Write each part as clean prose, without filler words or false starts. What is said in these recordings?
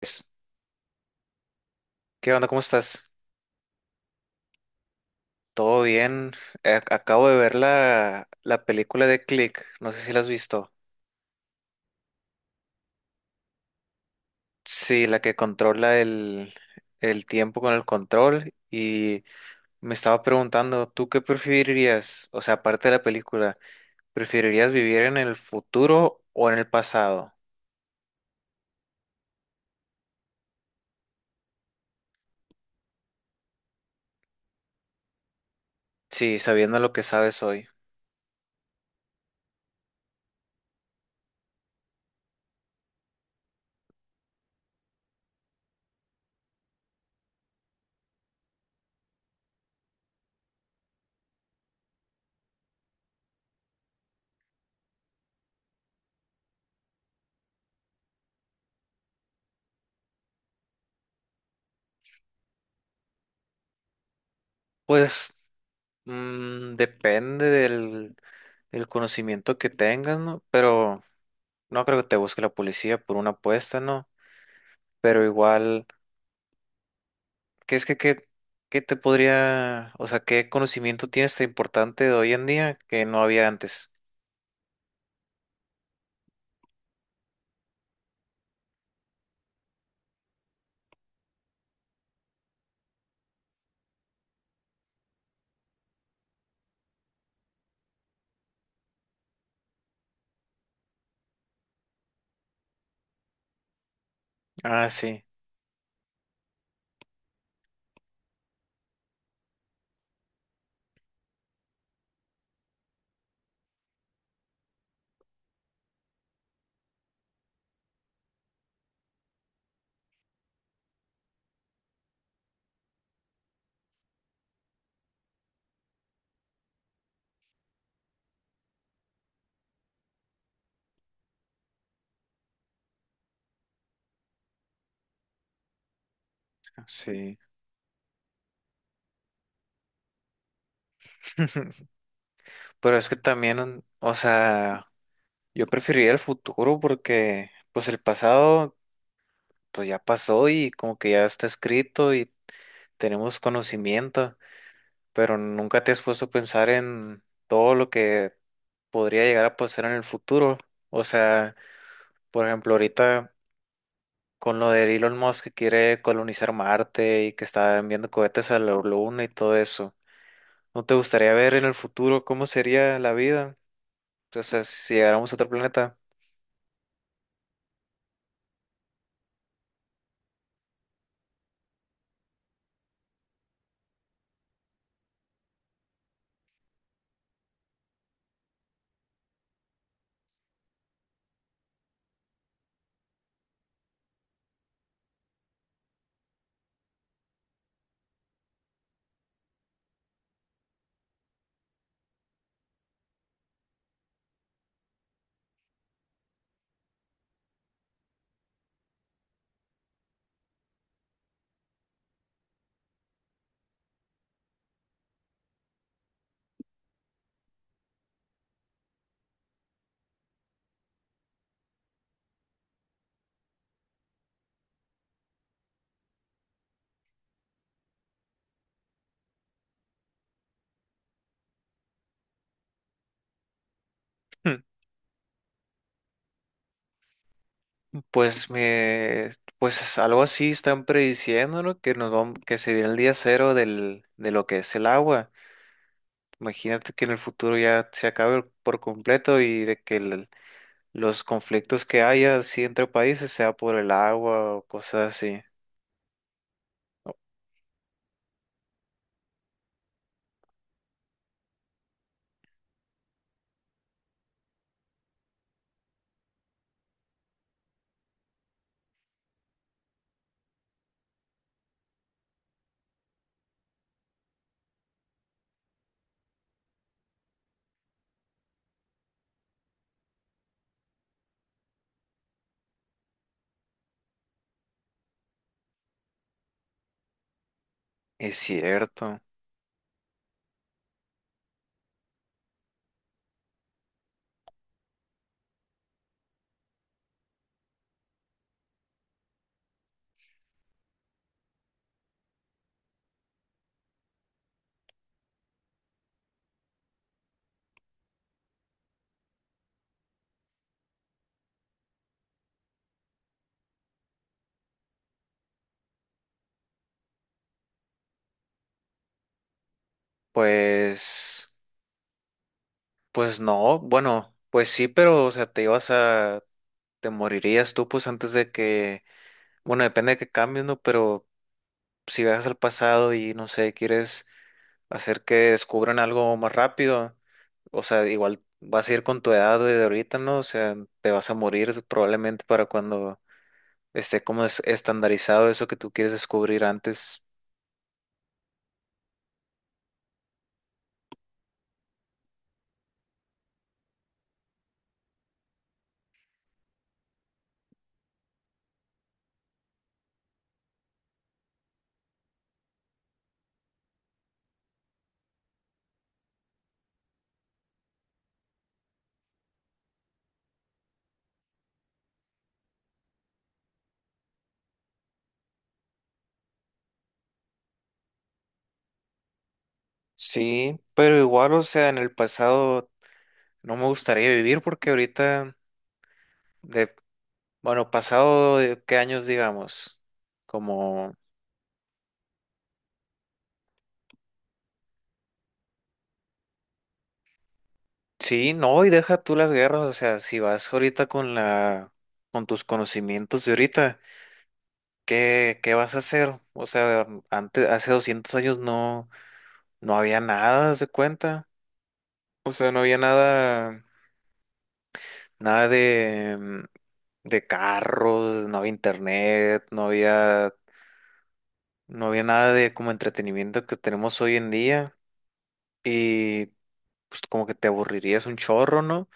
Pues, ¿qué onda? ¿Cómo estás? ¿Todo bien? Acabo de ver la película de Click, no sé si la has visto. Sí, la que controla el tiempo con el control y me estaba preguntando, ¿tú qué preferirías? O sea, aparte de la película, ¿preferirías vivir en el futuro o en el pasado? Sí, sabiendo lo que sabes hoy. Pues depende del conocimiento que tengas, ¿no? Pero no creo que te busque la policía por una apuesta, ¿no? Pero igual, ¿qué es que qué, ¿qué te podría, o sea, qué conocimiento tienes tan importante de hoy en día que no había antes? Ah, sí, sí. Pero es que también, o sea, yo preferiría el futuro porque, pues el pasado, pues ya pasó y como que ya está escrito y tenemos conocimiento, pero nunca te has puesto a pensar en todo lo que podría llegar a pasar en el futuro. O sea, por ejemplo, ahorita, con lo de Elon Musk, que quiere colonizar Marte y que está enviando cohetes a la Luna y todo eso. ¿No te gustaría ver en el futuro cómo sería la vida? O sea, si llegáramos a otro planeta. Pues me, pues algo así están prediciendo, ¿no? Que nos vamos, que se viene el día cero de lo que es el agua. Imagínate que en el futuro ya se acabe por completo y de que los conflictos que haya así entre países sea por el agua o cosas así. Es cierto. Pues, pues no, bueno, pues sí, pero, o sea, te morirías tú, pues antes de que, bueno, depende de que cambies, ¿no? Pero si viajas al pasado y, no sé, quieres hacer que descubran algo más rápido, o sea, igual vas a ir con tu edad de ahorita, ¿no? O sea, te vas a morir probablemente para cuando esté como estandarizado eso que tú quieres descubrir antes. Sí, pero igual, o sea, en el pasado no me gustaría vivir porque ahorita... Bueno, pasado de qué años, digamos, como sí. No, y deja tú las guerras, o sea, si vas ahorita con la con tus conocimientos de ahorita, ¿qué vas a hacer? O sea, antes hace 200 años no había nada, haz de cuenta. O sea, no había nada, nada de de carros, no había internet, no había nada de como entretenimiento que tenemos hoy en día, y pues como que te aburrirías un chorro, ¿no?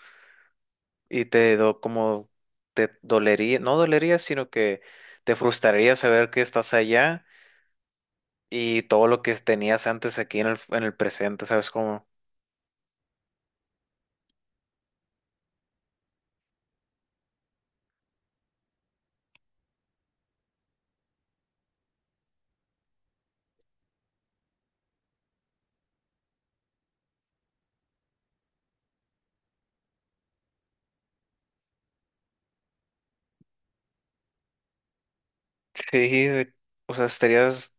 Y como te dolería, no dolería, sino que te frustraría saber que estás allá y todo lo que tenías antes aquí en en el presente, ¿sabes cómo? Sí, o sea, estarías,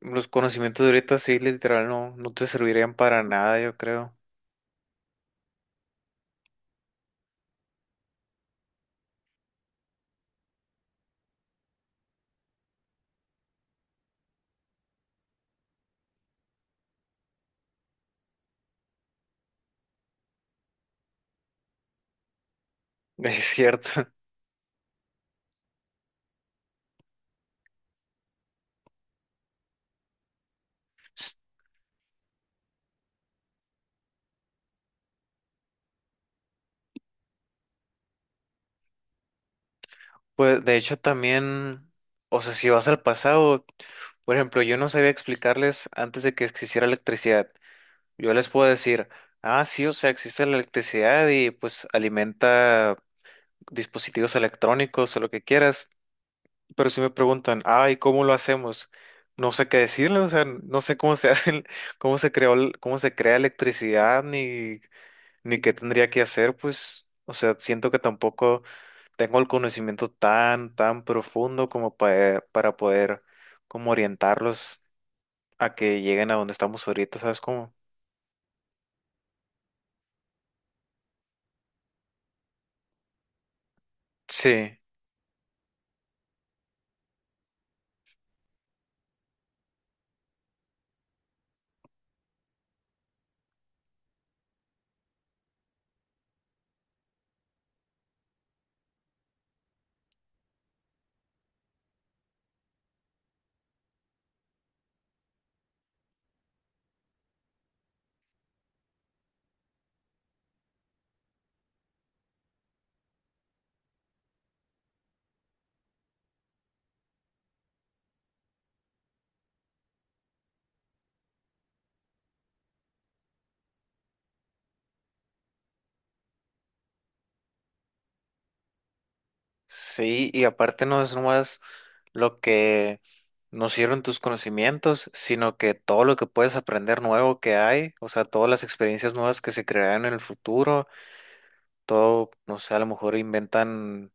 los conocimientos de ahorita sí, literal, no te servirían para nada, yo creo. Es cierto. Pues de hecho también, o sea, si vas al pasado, por ejemplo, yo no sabía explicarles antes de que existiera electricidad. Yo les puedo decir, ah, sí, o sea, existe la electricidad y pues alimenta dispositivos electrónicos o lo que quieras, pero si me preguntan, ah, ¿y cómo lo hacemos? No sé qué decirles, o sea, no sé cómo se hace, cómo se creó, cómo se crea electricidad, ni qué tendría que hacer, pues, o sea, siento que tampoco tengo el conocimiento tan profundo como para poder como orientarlos a que lleguen a donde estamos ahorita, ¿sabes cómo? Sí. Sí, y aparte no es nomás lo que nos sirven tus conocimientos, sino que todo lo que puedes aprender nuevo que hay, o sea, todas las experiencias nuevas que se crearán en el futuro, todo, no sé, a lo mejor inventan,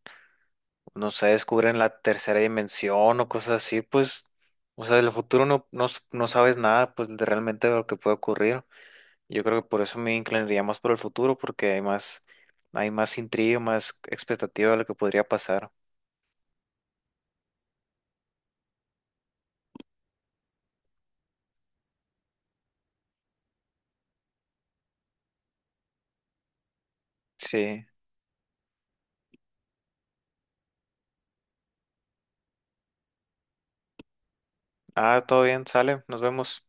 no sé, descubren la tercera dimensión o cosas así, pues, o sea, del futuro no sabes nada, pues, de realmente lo que puede ocurrir. Yo creo que por eso me inclinaría más por el futuro, porque hay más intriga, más expectativa de lo que podría pasar. Sí. Ah, todo bien, sale, nos vemos.